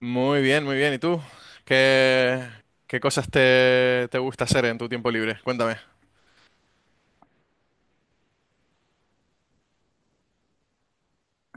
Muy bien, muy bien. ¿Y tú? ¿Qué, qué cosas te gusta hacer en tu tiempo libre? Cuéntame.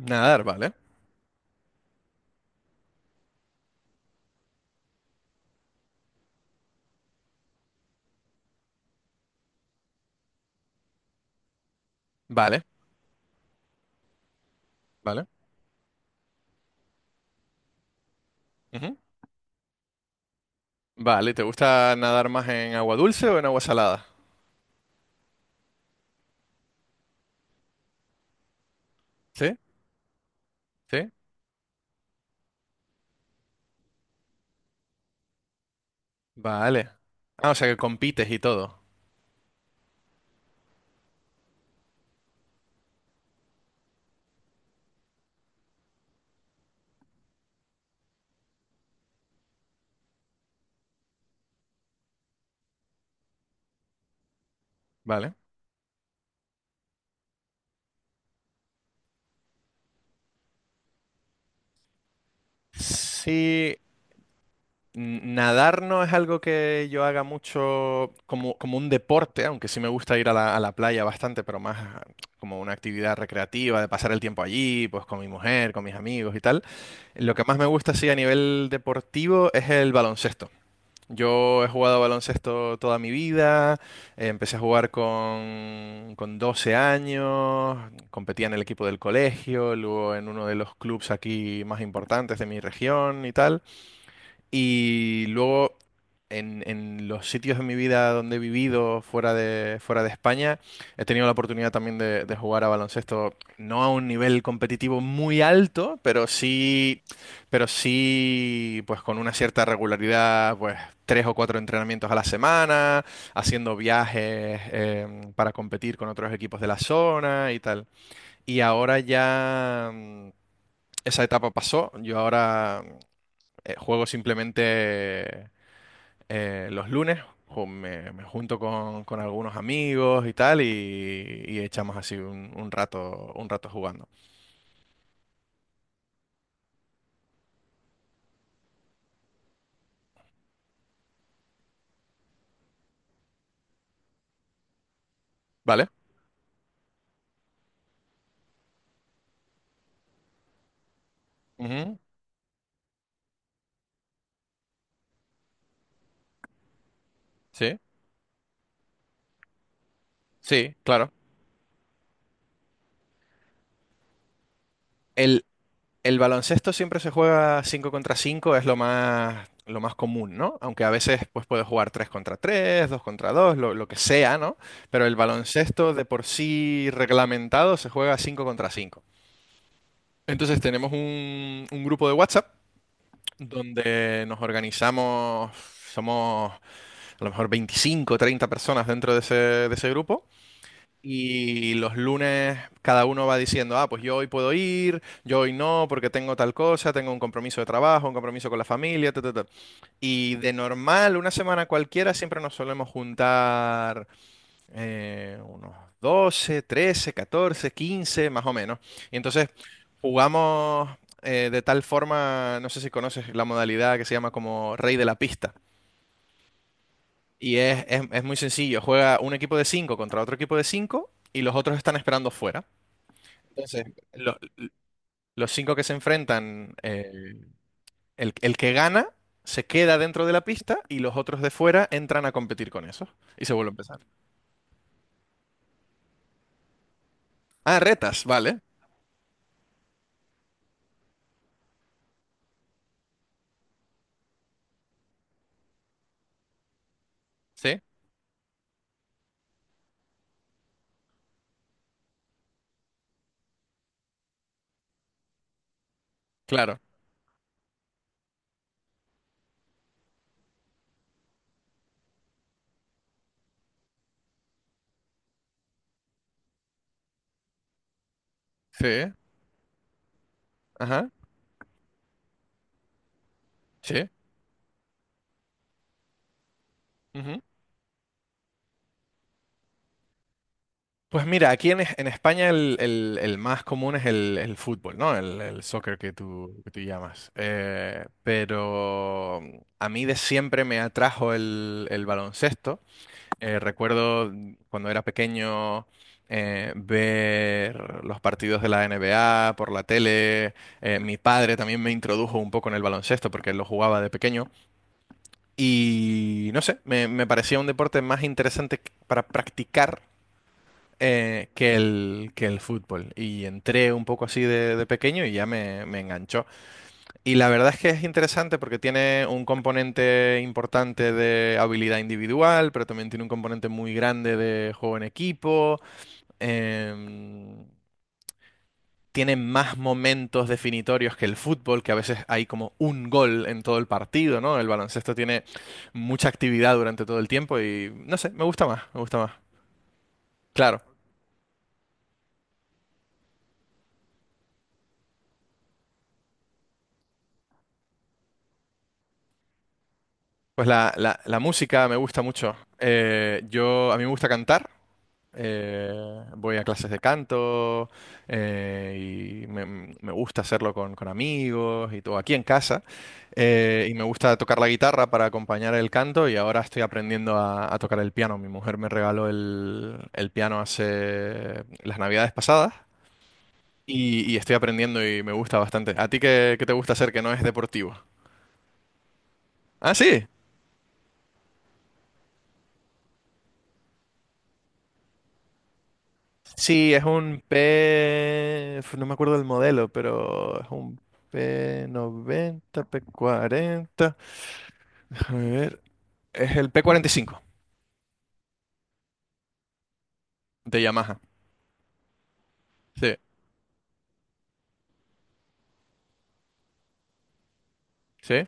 Nadar, vale. Vale, vale. Ujú. Vale, ¿te gusta nadar más en agua dulce o en agua salada? ¿Sí? ¿Sí? Vale. Ah, o sea que compites y todo. Vale. Sí, nadar no es algo que yo haga mucho como, como un deporte, aunque sí me gusta ir a la playa bastante, pero más como una actividad recreativa, de pasar el tiempo allí, pues con mi mujer, con mis amigos y tal. Lo que más me gusta, sí, a nivel deportivo es el baloncesto. Yo he jugado baloncesto toda mi vida, empecé a jugar con 12 años, competía en el equipo del colegio, luego en uno de los clubes aquí más importantes de mi región y tal. Y luego en los sitios de mi vida donde he vivido fuera de España, he tenido la oportunidad también de jugar a baloncesto, no a un nivel competitivo muy alto, pero sí, pues con una cierta regularidad, pues tres o cuatro entrenamientos a la semana, haciendo viajes para competir con otros equipos de la zona y tal. Y ahora ya esa etapa pasó, yo ahora juego simplemente los lunes me junto con algunos amigos y tal y echamos así un rato, un rato jugando. ¿Vale? Ujú. Sí, sí, claro. El, el baloncesto siempre se juega 5 contra cinco, es lo más común, ¿no? Aunque a veces pues, puedes jugar 3 contra tres, 2 contra dos, lo que sea, ¿no? Pero el baloncesto de por sí reglamentado se juega 5 contra cinco. Entonces tenemos un grupo de WhatsApp donde nos organizamos, somos a lo mejor 25 o 30 personas dentro de ese grupo. Y los lunes cada uno va diciendo: "Ah, pues yo hoy puedo ir, yo hoy no, porque tengo tal cosa, tengo un compromiso de trabajo, un compromiso con la familia, ta, ta, ta". Y de normal, una semana cualquiera, siempre nos solemos juntar unos 12, 13, 14, 15 más o menos. Y entonces jugamos de tal forma, no sé si conoces la modalidad que se llama como Rey de la Pista. Y es, es muy sencillo, juega un equipo de 5 contra otro equipo de 5 y los otros están esperando fuera. Entonces, lo- los 5 que se enfrentan, el que gana se queda dentro de la pista y los otros de fuera entran a competir con esos y se vuelve a empezar. Ah, retas, vale. Sí, claro. Sí. Ajá. Sí. Ujú. Pues mira, aquí en, en España el, el más común es el fútbol, ¿no? El soccer que tú llamas. Pero a mí de siempre me atrajo el baloncesto. Recuerdo cuando era pequeño ver los partidos de la NBA por la tele. Mi padre también me introdujo un poco en el baloncesto porque él lo jugaba de pequeño. Y no sé, me parecía un deporte más interesante para practicar que el fútbol. Y entré un poco así de pequeño y ya me enganchó. Y la verdad es que es interesante porque tiene un componente importante de habilidad individual, pero también tiene un componente muy grande de juego en equipo. em, Tiene más momentos definitorios que el fútbol, que a veces hay como un gol en todo el partido, ¿no? El baloncesto tiene mucha actividad durante todo el tiempo y no sé, me gusta más, me gusta más. Claro. Pues la, la música me gusta mucho. Yo, a mí me gusta cantar. eh, Voy a clases de canto y me gusta hacerlo con amigos y todo aquí en casa. Y me gusta tocar la guitarra para acompañar el canto y ahora estoy aprendiendo a tocar el piano. Mi mujer me regaló el piano hace las navidades pasadas y estoy aprendiendo y me gusta bastante. ¿A ti qué, qué te gusta hacer que no es deportivo? Ah, sí. Sí, es un P, uf, no me acuerdo del modelo, pero es un P90, P40. Déjame ver. Es el P45 de Yamaha. Sí, sí.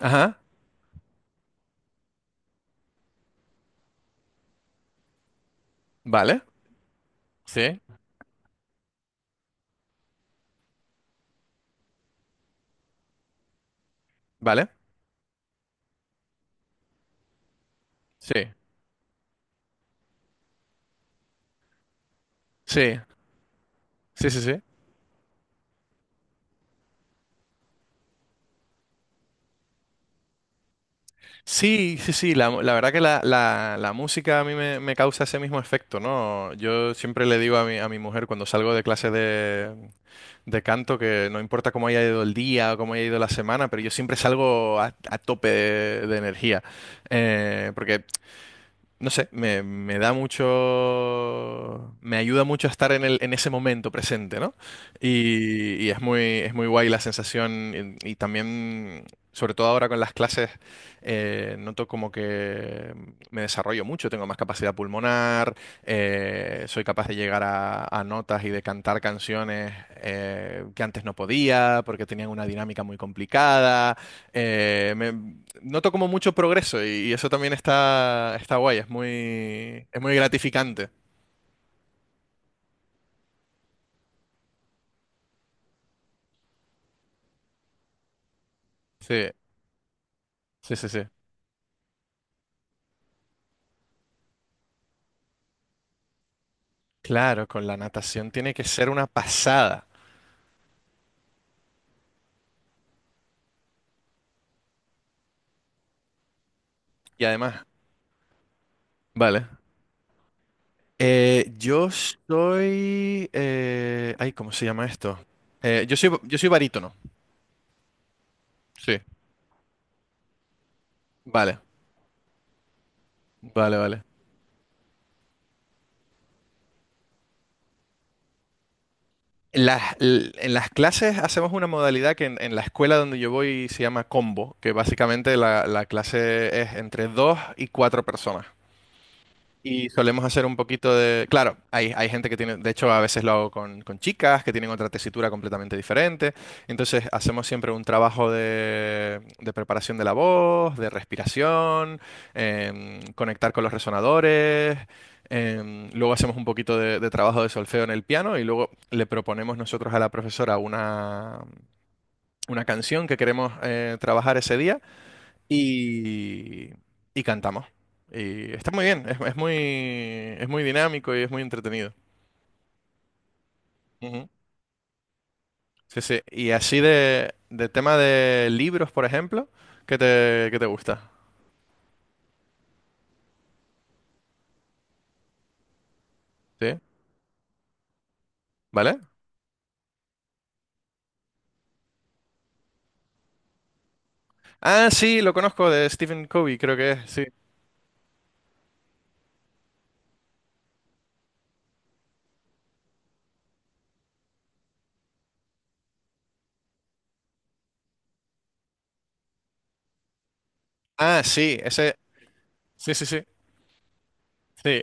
Ajá. Vale. Sí. Vale. Sí. Sí. Sí, sí, sí. Sí, sí, sí, la- verdad que la, la música a mí me, me causa ese mismo efecto, ¿no? Yo siempre le digo a mi mujer cuando salgo de clase de canto, que no importa cómo haya ido el día o cómo haya ido la semana, pero yo siempre salgo a tope de energía. Porque no sé, me da mucho, me ayuda mucho a estar en el, en ese momento presente, ¿no? Y es muy guay la sensación y también, sobre todo ahora con las clases, noto como que me desarrollo mucho, tengo más capacidad pulmonar, soy capaz de llegar a notas y de cantar canciones que antes no podía porque tenían una dinámica muy complicada. Noto como mucho progreso y eso también está, está guay, es muy gratificante. Sí, sí, sí, sí. Claro, con la natación tiene que ser una pasada. Y además, vale. Yo soy... ay, ¿cómo se llama esto? Yo soy barítono. Sí, vale, vale, vale. En las clases hacemos una modalidad que en la escuela donde yo voy se llama combo, que básicamente la, la clase es entre dos y cuatro personas. Y solemos hacer un poquito de... Claro, hay gente que tiene... De hecho, a veces lo hago con chicas que tienen otra tesitura completamente diferente. Entonces, hacemos siempre un trabajo de preparación de la voz, de respiración, conectar con los resonadores. Luego hacemos un poquito de trabajo de solfeo en el piano y luego le proponemos nosotros a la profesora una canción que queremos trabajar ese día y, y cantamos. Y está muy bien, es muy dinámico y es muy entretenido. Ujú. Sí, sí. Y así de tema de libros, por ejemplo, qué te gusta? ¿Sí? ¿Vale? Ah, sí, lo conozco de Stephen Covey, creo que es, sí. Ah, sí, ese, sí, sí, sí, sí.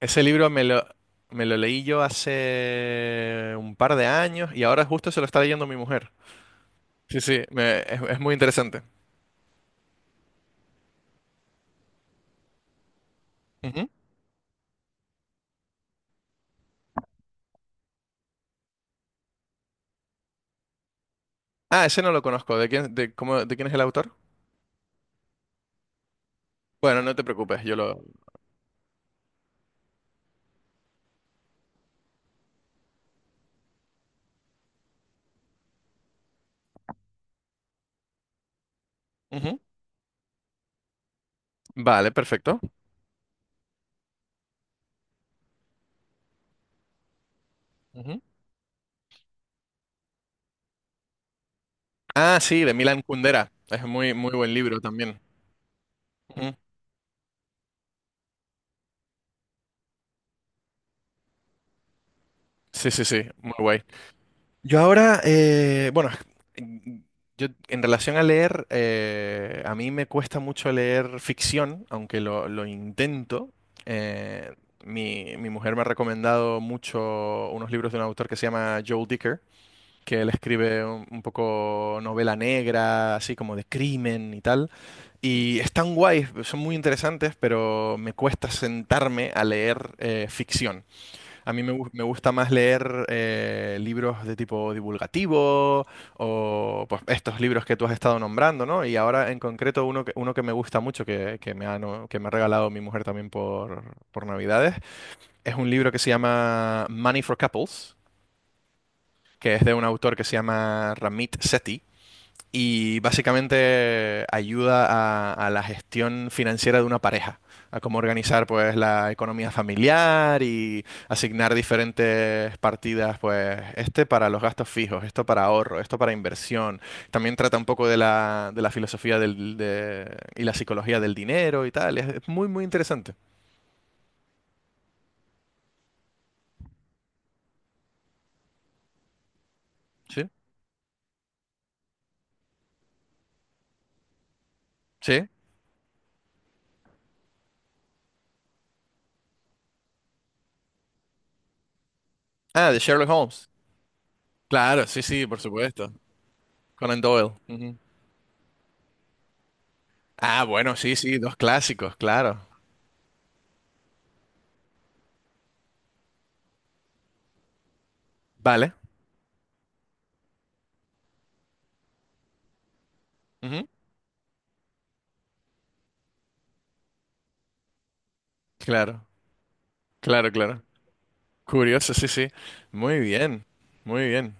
Ese libro me lo leí yo hace un par de años y ahora justo se lo está leyendo mi mujer. Sí, sí, es muy interesante. Ujú. Ah, ese no lo conozco. ¿De quién, de, cómo, de quién es el autor? Bueno, no te preocupes, yo lo... Ujú, vale, perfecto. Ujú. Ah, sí, de Milan Kundera. Es muy, muy buen libro también. Ujú. Sí, sí, sí, muy guay. Yo ahora, bueno, en- yo en relación a leer, a mí me cuesta mucho leer ficción, aunque lo intento. Eh, mi, mi mujer me ha recomendado mucho unos libros de un autor que se llama Joel Dicker, que él escribe un poco novela negra, así como de crimen y tal. Y están guays, son muy interesantes, pero me cuesta sentarme a leer ficción. A mí me, me gusta más leer libros de tipo divulgativo o pues, estos libros que tú has estado nombrando, ¿no? Y ahora en concreto uno que me gusta mucho, que me ha, que me ha regalado mi mujer también por Navidades, es un libro que se llama Money for Couples, que es de un autor que se llama Ramit Sethi y básicamente ayuda a la gestión financiera de una pareja, a cómo organizar pues la economía familiar y asignar diferentes partidas, pues este para los gastos fijos, esto para ahorro, esto para inversión. También trata un poco de la filosofía del, y la psicología del dinero y tal. Es muy, muy interesante. ¿Sí? ¿Sí? Ah, de Sherlock Holmes. Claro, sí, sí, por supuesto. Conan Doyle. Ujú. Ah, bueno, sí, sí, dos clásicos, claro. Vale. Ujú. Claro, claro, claro. Curioso, sí, sí. Muy bien, muy bien.